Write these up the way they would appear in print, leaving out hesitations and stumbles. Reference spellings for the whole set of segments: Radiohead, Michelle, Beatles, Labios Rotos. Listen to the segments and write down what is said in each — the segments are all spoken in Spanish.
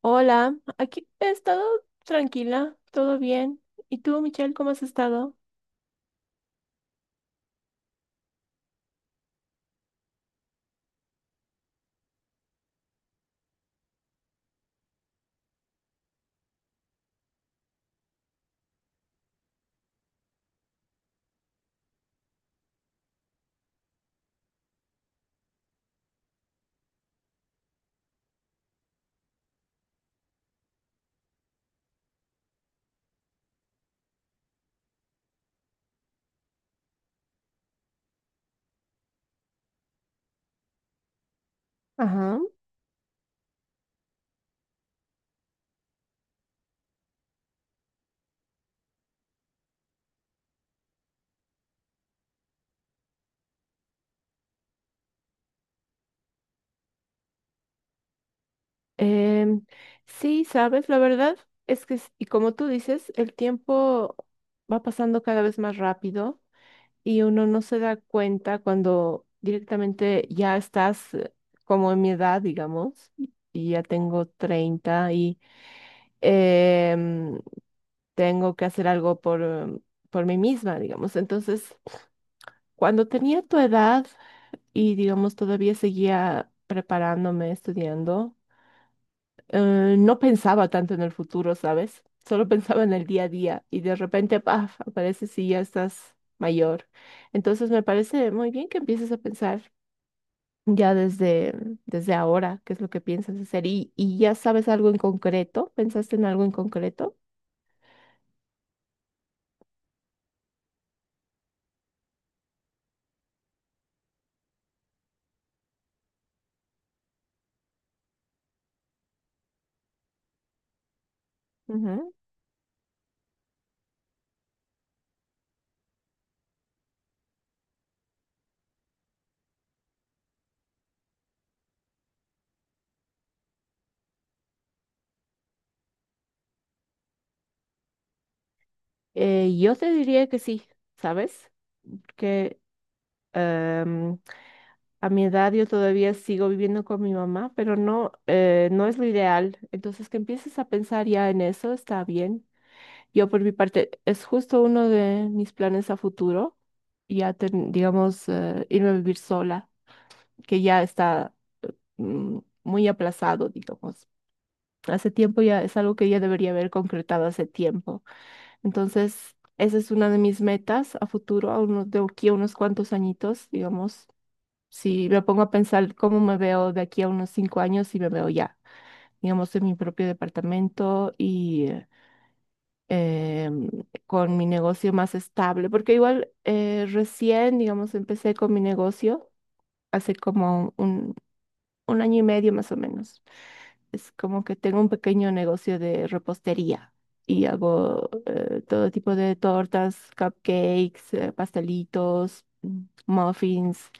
Hola, aquí he estado tranquila, todo bien. ¿Y tú, Michelle, cómo has estado? Em, sí, sabes, la verdad es que, y como tú dices, el tiempo va pasando cada vez más rápido y uno no se da cuenta cuando directamente ya estás como en mi edad, digamos, y ya tengo 30 y em, tengo que hacer algo por, por mí misma, digamos. Entonces, cuando tenía tu edad, y digamos todavía seguía preparándome, estudiando. No pensaba tanto en el futuro, ¿sabes? Solo pensaba en el día a día y de repente, paf, aparece si ya estás mayor. Entonces me parece muy bien que empieces a pensar ya desde ahora qué es lo que piensas hacer y ya sabes algo en concreto, ¿pensaste en algo en concreto? Ujú. Yo te diría que sí, ¿sabes? Que em, a mi edad yo todavía sigo viviendo con mi mamá, pero no, no es lo ideal. Entonces, que empieces a pensar ya en eso está bien. Yo por mi parte, es justo uno de mis planes a futuro, digamos, irme a vivir sola, que ya está eh, mm, muy aplazado, digamos. Hace tiempo ya es algo que ya debería haber concretado hace tiempo. Entonces, esa es una de mis metas a futuro, a unos, de aquí a unos cuantos añitos, digamos. Si me pongo a pensar cómo me veo de aquí a unos cinco años, y me veo ya, digamos, en mi propio departamento y eh, con mi negocio más estable, porque igual recién, digamos, empecé con mi negocio hace un año y medio más o menos. Es como que tengo un pequeño negocio de repostería y hago todo tipo de tortas, cupcakes, pastelitos, muffins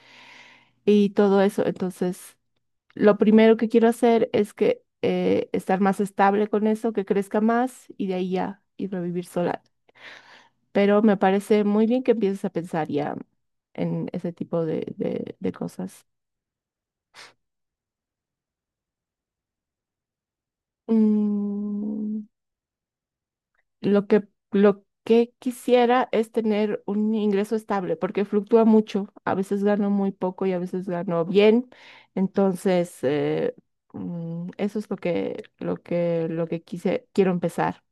y todo eso. Entonces, lo primero que quiero hacer es estar más estable con eso, que crezca más y de ahí ya ir a vivir sola. Pero me parece muy bien que empieces a pensar ya en ese tipo de, de cosas. Mm, lo que, lo que quisiera es tener un ingreso estable, porque fluctúa mucho. A veces gano muy poco y a veces gano bien. Entonces, eso es lo que, lo que quiero empezar.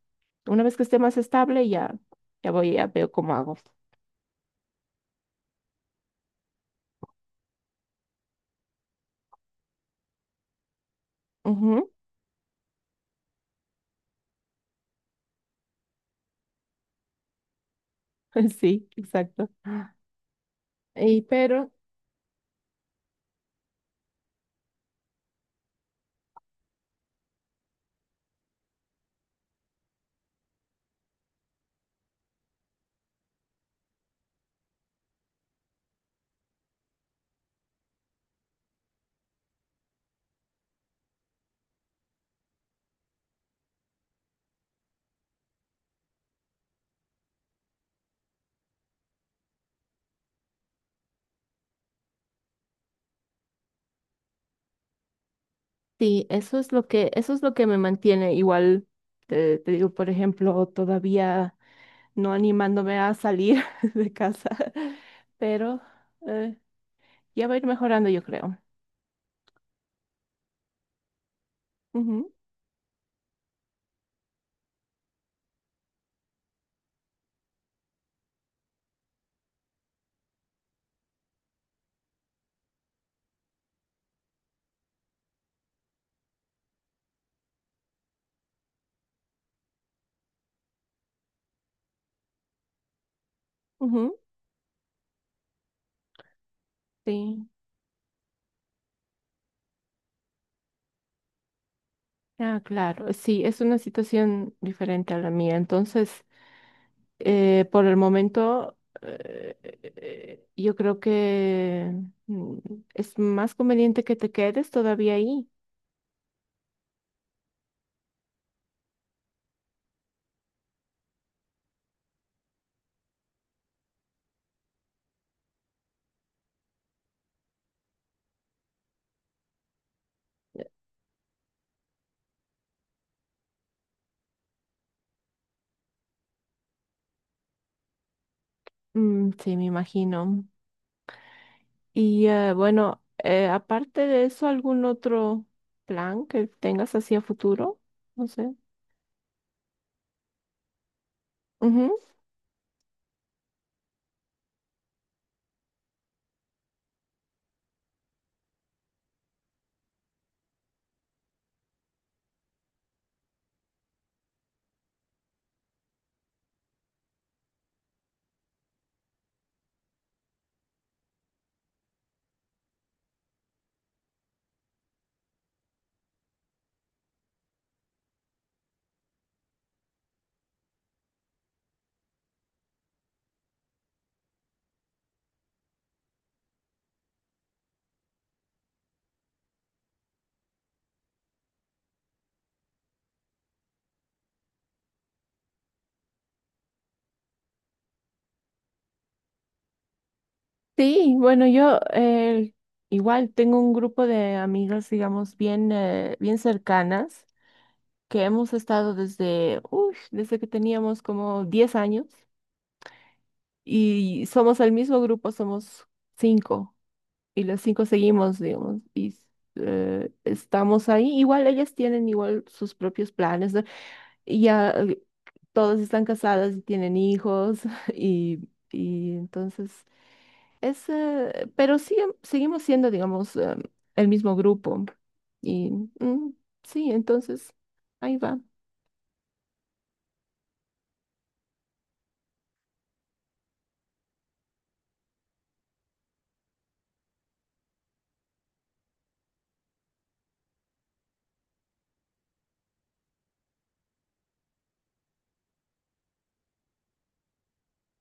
Una vez que esté más estable, ya, ya veo cómo hago. Ujú. Sí, exacto. Y pero Sí, eso es lo que, eso es lo que me mantiene. Igual te digo, por ejemplo, todavía no animándome a salir de casa, pero eh, ya va a ir mejorando, yo creo. Ujú, ujú, sí. Ah, claro, sí, es una situación diferente a la mía. Entonces, por el momento, yo creo que mm, es más conveniente que te quedes todavía ahí. Mm, sí, me imagino. Y bueno, aparte de eso, ¿algún otro plan que tengas hacia futuro? No sé. Ujú. Sí, bueno, yo igual tengo un grupo de amigas, digamos, bien, bien cercanas, que hemos estado desde, uy, desde que teníamos como 10 años y somos el mismo grupo, somos cinco y los cinco seguimos, digamos, y estamos ahí. Igual ellas tienen igual sus propios planes. Y ya todos están casados y tienen hijos y, y entonces es, pero sí, seguimos siendo, digamos, el mismo grupo. Y mm, sí, entonces ahí va.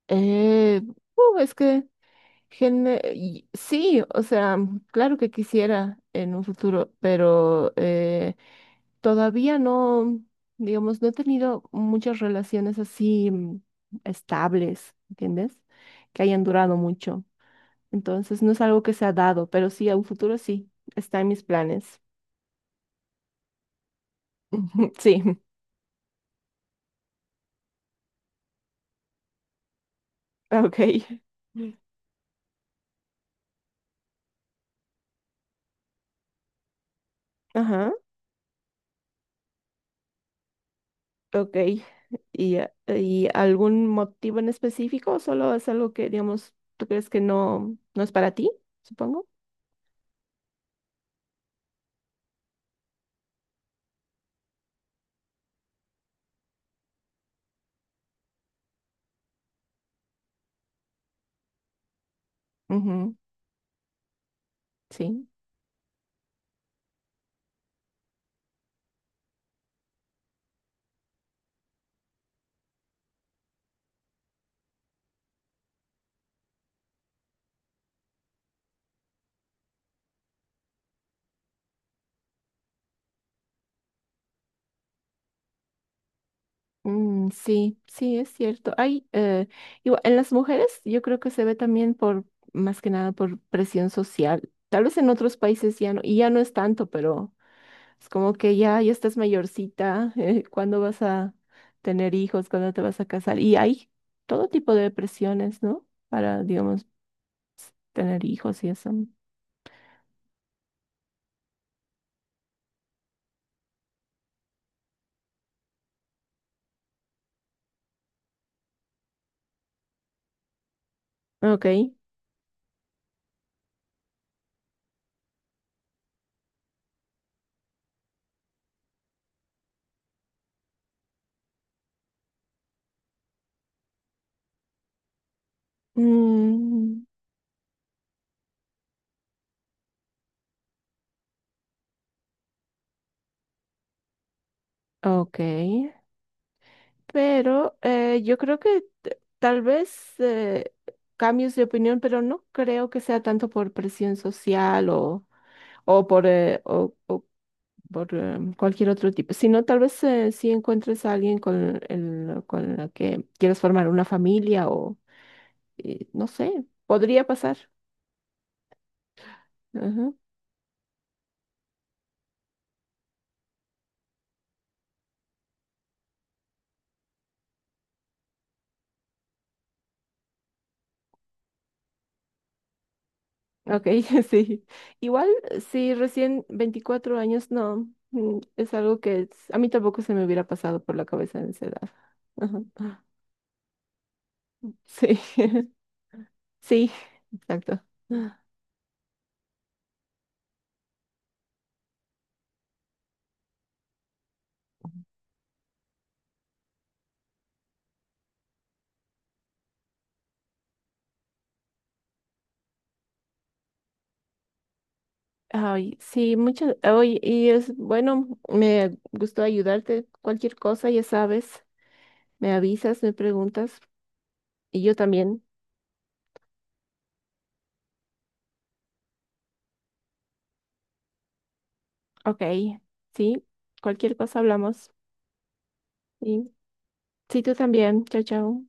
Eh, es que sí, o sea, claro que quisiera en un futuro, pero todavía no, digamos, no he tenido muchas relaciones así estables, ¿entiendes? Que hayan durado mucho. Entonces, no es algo que se ha dado, pero sí, a un futuro sí, está en mis planes. Sí, ok. Ajá, ok. Y algún motivo en específico o solo es algo que, digamos, tú crees que no, no es para ti, supongo? Ujú, sí. Mm, sí, sí, es cierto. Hay, igual, en las mujeres yo creo que se ve también por, más que nada por presión social. Tal vez en otros países ya no, y ya no es tanto, pero es como que ya, ya estás mayorcita, ¿cuándo vas a tener hijos? ¿Cuándo te vas a casar? Y hay todo tipo de presiones, ¿no? Para, digamos, tener hijos y eso. Ok. Mm, ok. Pero yo creo que tal vez cambios de opinión, pero no creo que sea tanto por presión social o, o por cualquier otro tipo, sino tal vez si encuentres a alguien con con la que quieres formar una familia o no sé, podría pasar. Ujú. Ok, sí. Igual, si recién 24 años, no, mm, es algo que es- a mí tampoco se me hubiera pasado por la cabeza en esa edad. Ajá. Sí, sí, exacto. Ay, sí, muchas. Oye, y es bueno, me gustó ayudarte. Cualquier cosa, ya sabes, me avisas, me preguntas y yo también. Ok, sí, cualquier cosa hablamos. Sí, sí, tú también. Chao, chao.